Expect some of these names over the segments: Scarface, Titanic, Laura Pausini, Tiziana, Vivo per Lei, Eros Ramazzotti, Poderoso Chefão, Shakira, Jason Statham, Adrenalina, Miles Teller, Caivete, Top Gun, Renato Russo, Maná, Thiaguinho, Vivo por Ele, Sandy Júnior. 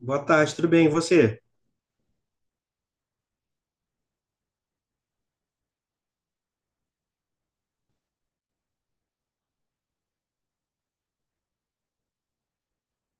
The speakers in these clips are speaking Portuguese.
Boa tarde, tudo bem? E você?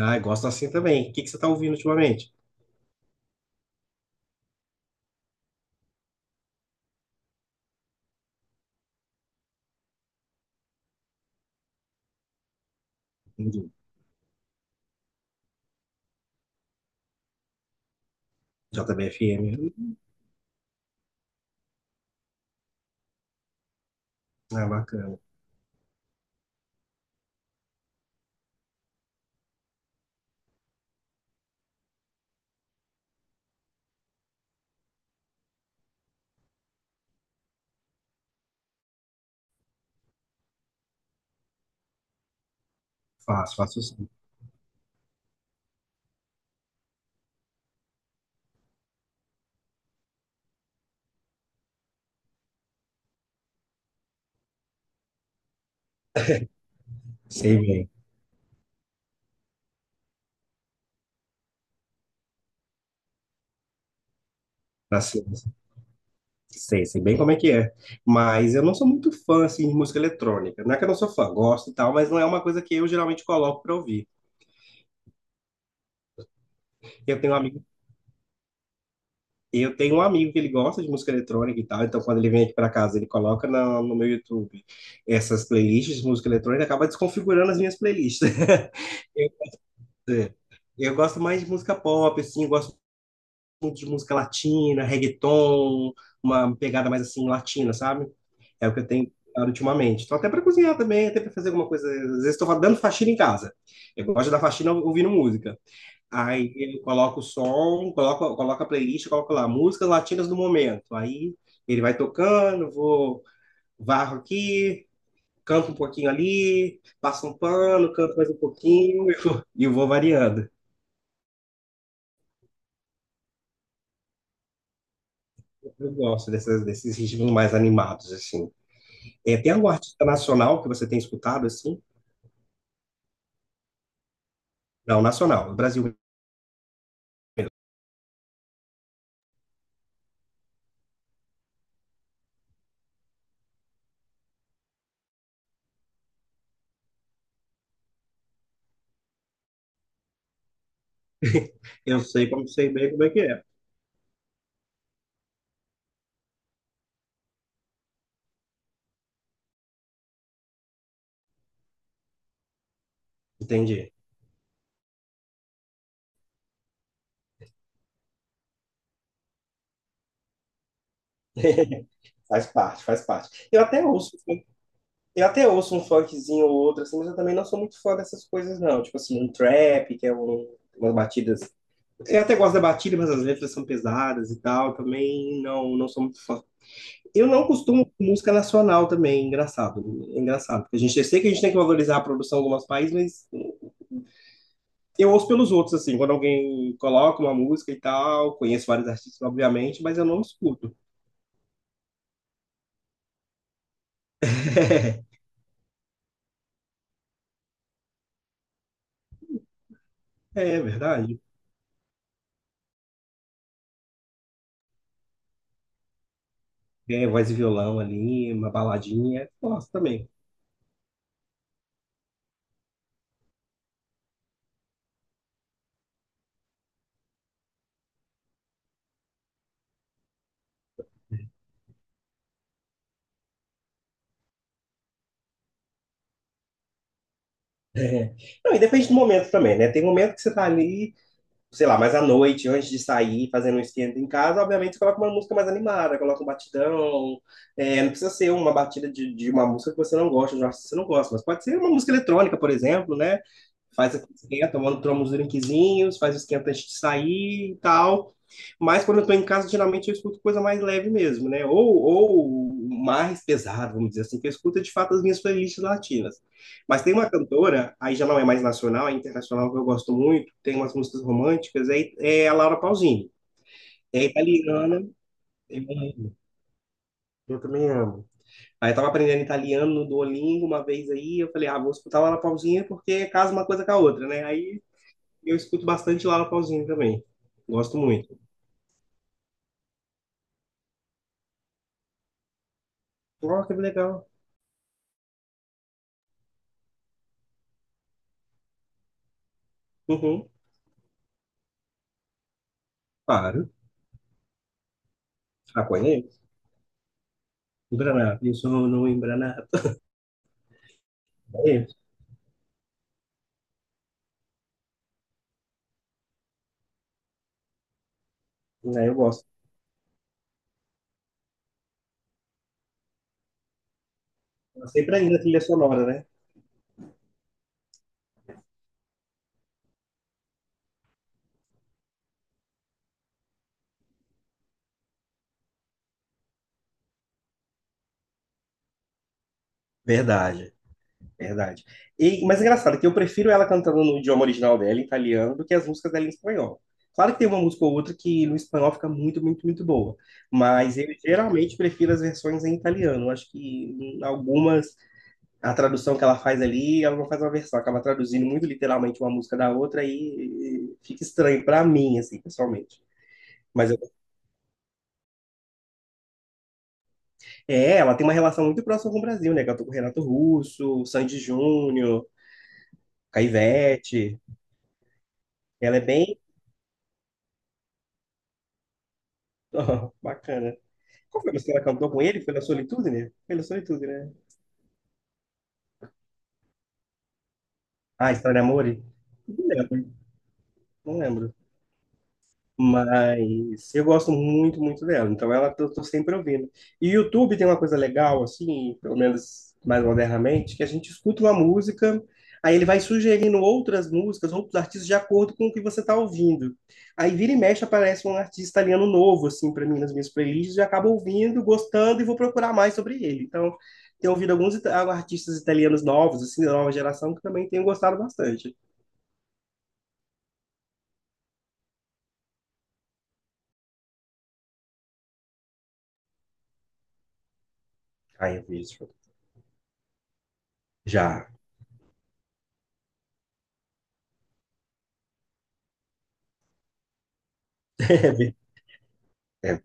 Ah, eu gosto assim também. O que que você está ouvindo ultimamente? Entendi. JBFM. Hum. Ah, bacana. Faço, faço sim. Sei bem. Assim, sei bem como é que é. Mas eu não sou muito fã assim, de música eletrônica. Não é que eu não sou fã, gosto e tal, mas não é uma coisa que eu geralmente coloco para ouvir. Eu tenho um amigo, eu tenho um amigo que ele gosta de música eletrônica e tal, então quando ele vem aqui para casa, ele coloca no meu YouTube essas playlists de música eletrônica, acaba desconfigurando as minhas playlists. É. Eu gosto mais de música pop, assim, eu gosto muito de música latina, reggaeton, uma pegada mais assim latina, sabe? É o que eu tenho escutado ultimamente. Tô até para cozinhar também, até para fazer alguma coisa. Às vezes estou dando faxina em casa. Eu gosto da faxina ouvindo música. Aí eu coloco o som, coloco a playlist, coloco lá músicas latinas do momento. Aí ele vai tocando, vou varro aqui, canto um pouquinho ali, passo um pano, canto mais um pouquinho e vou variando. Eu gosto desses ritmos mais animados, assim. É, tem algum artista nacional que você tem escutado, assim? Não, nacional, do Brasil mesmo. Eu sei como sei bem como é que é. Entendi. Faz parte, faz parte. Eu até ouço um funkzinho ou outro, assim, mas eu também não sou muito fã dessas coisas, não. Tipo assim, um trap, que é umas batidas. Eu até gosto da batida, mas as letras são pesadas e tal. Eu também não, não sou muito fã. Eu não costumo com música nacional também, é engraçado. É engraçado. Porque a gente, eu sei que a gente tem que valorizar a produção de alguns países, mas eu ouço pelos outros, assim, quando alguém coloca uma música e tal. Conheço vários artistas, obviamente, mas eu não escuto. É, é verdade. É, voz e violão ali, uma baladinha, gosto também. É. Não, e depende do momento também, né? Tem momento que você tá ali sei lá, mais à noite, antes de sair, fazendo um esquenta em casa, obviamente você coloca uma música mais animada, coloca um batidão. É, não precisa ser uma batida de uma música que você não gosta, de um artista que você não gosta, mas pode ser uma música eletrônica, por exemplo, né? Faz aqui, esquenta, tomando tomamos drinkzinhos, faz o esquenta antes de sair e tal. Mas quando eu tô em casa, geralmente eu escuto coisa mais leve mesmo, né? Ou mais pesado, vamos dizer assim, que eu escuto é, de fato as minhas playlists latinas. Mas tem uma cantora, aí já não é mais nacional, é internacional, que eu gosto muito, tem umas músicas românticas, é a Laura Pausini. É italiana, eu eu também amo. Aí eu tava aprendendo italiano no Duolingo uma vez aí, eu falei, ah, vou escutar a Laura Pausini porque casa uma coisa com a outra, né? Aí eu escuto bastante Laura Pausini também. Gosto muito. Oh, que legal. Uhum, claro. Apanhei. Embranar. Eu isso no Embranar. Apanhei. Né, eu gosto. Sempre ainda a trilha sonora, né? Verdade, verdade. E, mas é engraçado que eu prefiro ela cantando no idioma original dela, em italiano, do que as músicas dela em espanhol. Claro que tem uma música ou outra que no espanhol fica muito, muito, muito boa. Mas eu geralmente prefiro as versões em italiano. Acho que algumas a tradução que ela faz ali, ela não faz uma versão, acaba traduzindo muito literalmente uma música da outra e fica estranho para mim, assim, pessoalmente. Mas eu- é, ela tem uma relação muito próxima com o Brasil, né? Cantou com o Renato Russo, o Sandy Júnior, Caivete. Ela é bem bacana. Qual foi a música que ela cantou com ele? Foi na Solitude, né? Ah, História de Amor? Não lembro, não lembro. Mas eu gosto muito, muito dela. Então ela eu tô sempre ouvindo. E o YouTube tem uma coisa legal, assim, pelo menos mais modernamente, que a gente escuta uma música, aí ele vai sugerindo outras músicas, outros artistas, de acordo com o que você está ouvindo. Aí vira e mexe, aparece um artista italiano novo, assim, para mim nas minhas playlists, e eu acabo ouvindo, gostando e vou procurar mais sobre ele. Então, tenho ouvido alguns artistas italianos novos, assim, da nova geração, que também tenho gostado bastante. Aí eu vi isso. Já. É,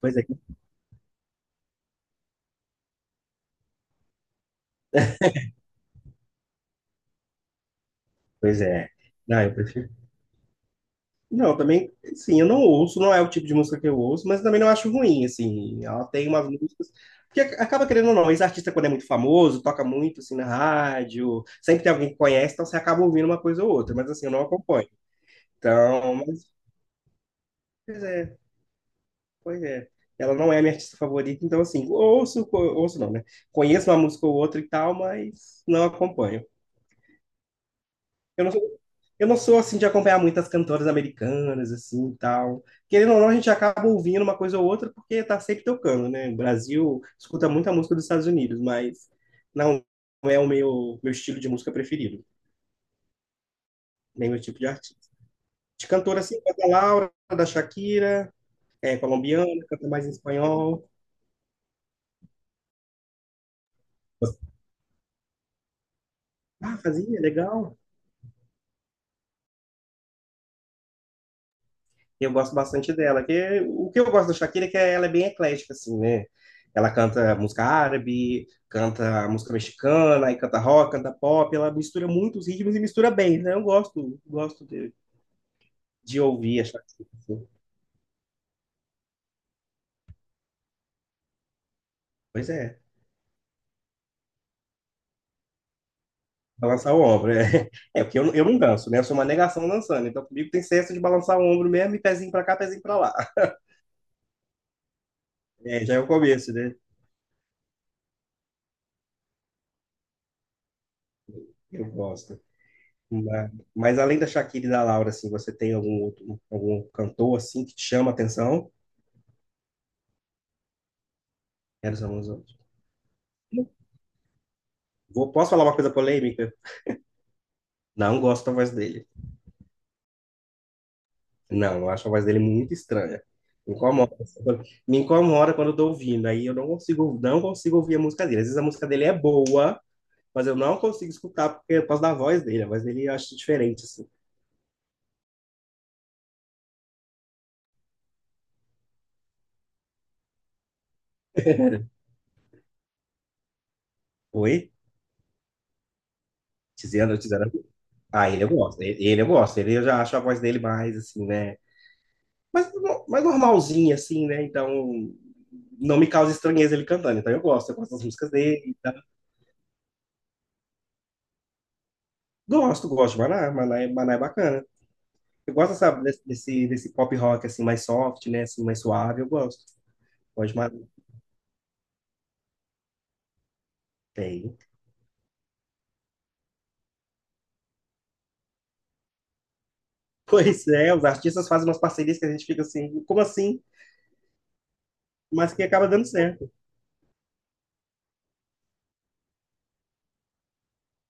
pois é. Pois é. Não, eu prefiro. Não, também, sim, eu não ouço, não é o tipo de música que eu ouço, mas também não acho ruim, assim. Ela tem umas músicas. Porque acaba querendo ou não, esse artista, quando é muito famoso, toca muito, assim, na rádio, sempre tem alguém que conhece, então você acaba ouvindo uma coisa ou outra, mas, assim, eu não acompanho. Então, mas, pois é, pois é. Ela não é a minha artista favorita, então, assim, ouço não, né? Conheço uma música ou outra e tal, mas não acompanho. Eu não sou, eu não sou assim de acompanhar muitas cantoras americanas, assim, e tal. Querendo ou não, a gente acaba ouvindo uma coisa ou outra porque tá sempre tocando, né? O Brasil escuta muita música dos Estados Unidos, mas não é o meu estilo de música preferido, nem meu tipo de artista. De cantora, assim, da Laura, da Shakira, é colombiana, canta mais em espanhol. Ah, fazia, legal. Eu gosto bastante dela. O que eu gosto da Shakira é que ela é bem eclética, assim, né? Ela canta música árabe, canta música mexicana, aí canta rock, canta pop. Ela mistura muitos ritmos e mistura bem, né? Eu gosto de ouvir a Shakira, assim. Pois é, balançar o ombro. É, é porque eu não danço, né? Eu sou uma negação dançando. Então comigo tem senso de balançar o ombro mesmo e pezinho pra cá, pezinho pra lá. É, já é o começo, né? Eu gosto. Mas além da Shakira e da Laura, assim, você tem algum outro, algum cantor assim que te chama a atenção? Eros Ramazzotti. Posso falar uma coisa polêmica? Não gosto da voz dele. Não, eu acho a voz dele muito estranha. Me incomoda. Me incomoda quando eu tô ouvindo. Aí eu não consigo, não consigo ouvir a música dele. Às vezes a música dele é boa, mas eu não consigo escutar porque é por causa da voz dele. A voz dele eu acho diferente, assim. Oi? Tiziana, Tiziana. Ah, ele eu gosto. Ele eu gosto. Ele eu já acho a voz dele mais, assim, né? Mas, mais normalzinha, assim, né? Então, não me causa estranheza ele cantando. Então eu gosto. Eu gosto das músicas dele. Gosto, gosto de Maná. Maná é bacana. Eu gosto, sabe, desse pop rock assim, mais soft, né? Assim, mais suave, eu gosto. Gosto de Maná. Tem. Pois é, os artistas fazem umas parcerias que a gente fica assim, como assim? Mas que acaba dando certo.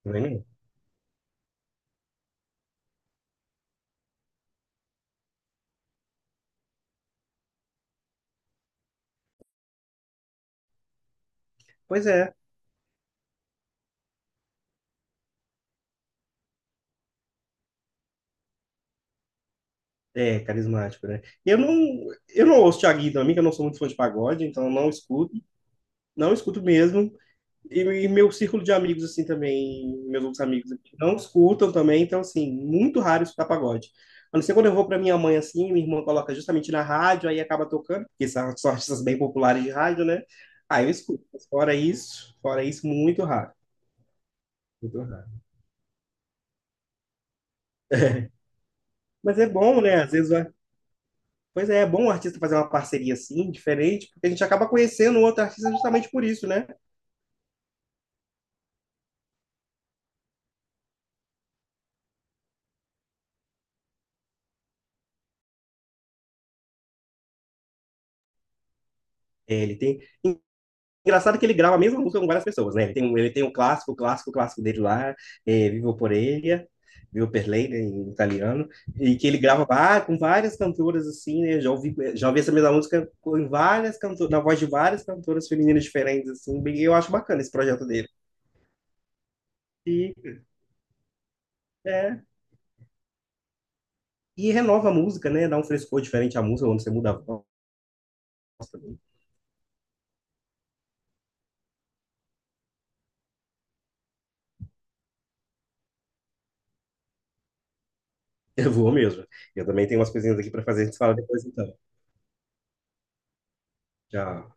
Não é mesmo? Pois é. É, carismático, né? Eu não ouço Thiaguinho também, que eu não sou muito fã de pagode, então eu não escuto, não escuto mesmo. E, e meu círculo de amigos, assim, também, meus outros amigos aqui, não escutam também, então, assim, muito raro escutar pagode. A não ser quando eu vou para minha mãe, assim, minha irmã coloca justamente na rádio, aí acaba tocando, porque são artistas bem populares de rádio, né? Aí eu escuto. Mas fora isso, muito raro. Muito raro. Mas é bom, né? Às vezes, pois é, é bom o artista fazer uma parceria assim, diferente, porque a gente acaba conhecendo o outro artista justamente por isso, né? É, ele tem. Engraçado que ele grava a mesma música com várias pessoas, né? Ele tem um clássico, o clássico dele lá, é, Vivo por Ele, Vivo per Lei, né, em italiano, e que ele grava com várias cantoras, assim, né? Já ouvi essa mesma música várias cantoras, na voz de várias cantoras femininas diferentes, assim, eu acho bacana esse projeto dele. E, é, e renova a música, né? Dá um frescor diferente à música quando você muda a voz também. Eu vou mesmo. Eu também tenho umas coisinhas aqui para fazer, a gente fala depois então. Tchau.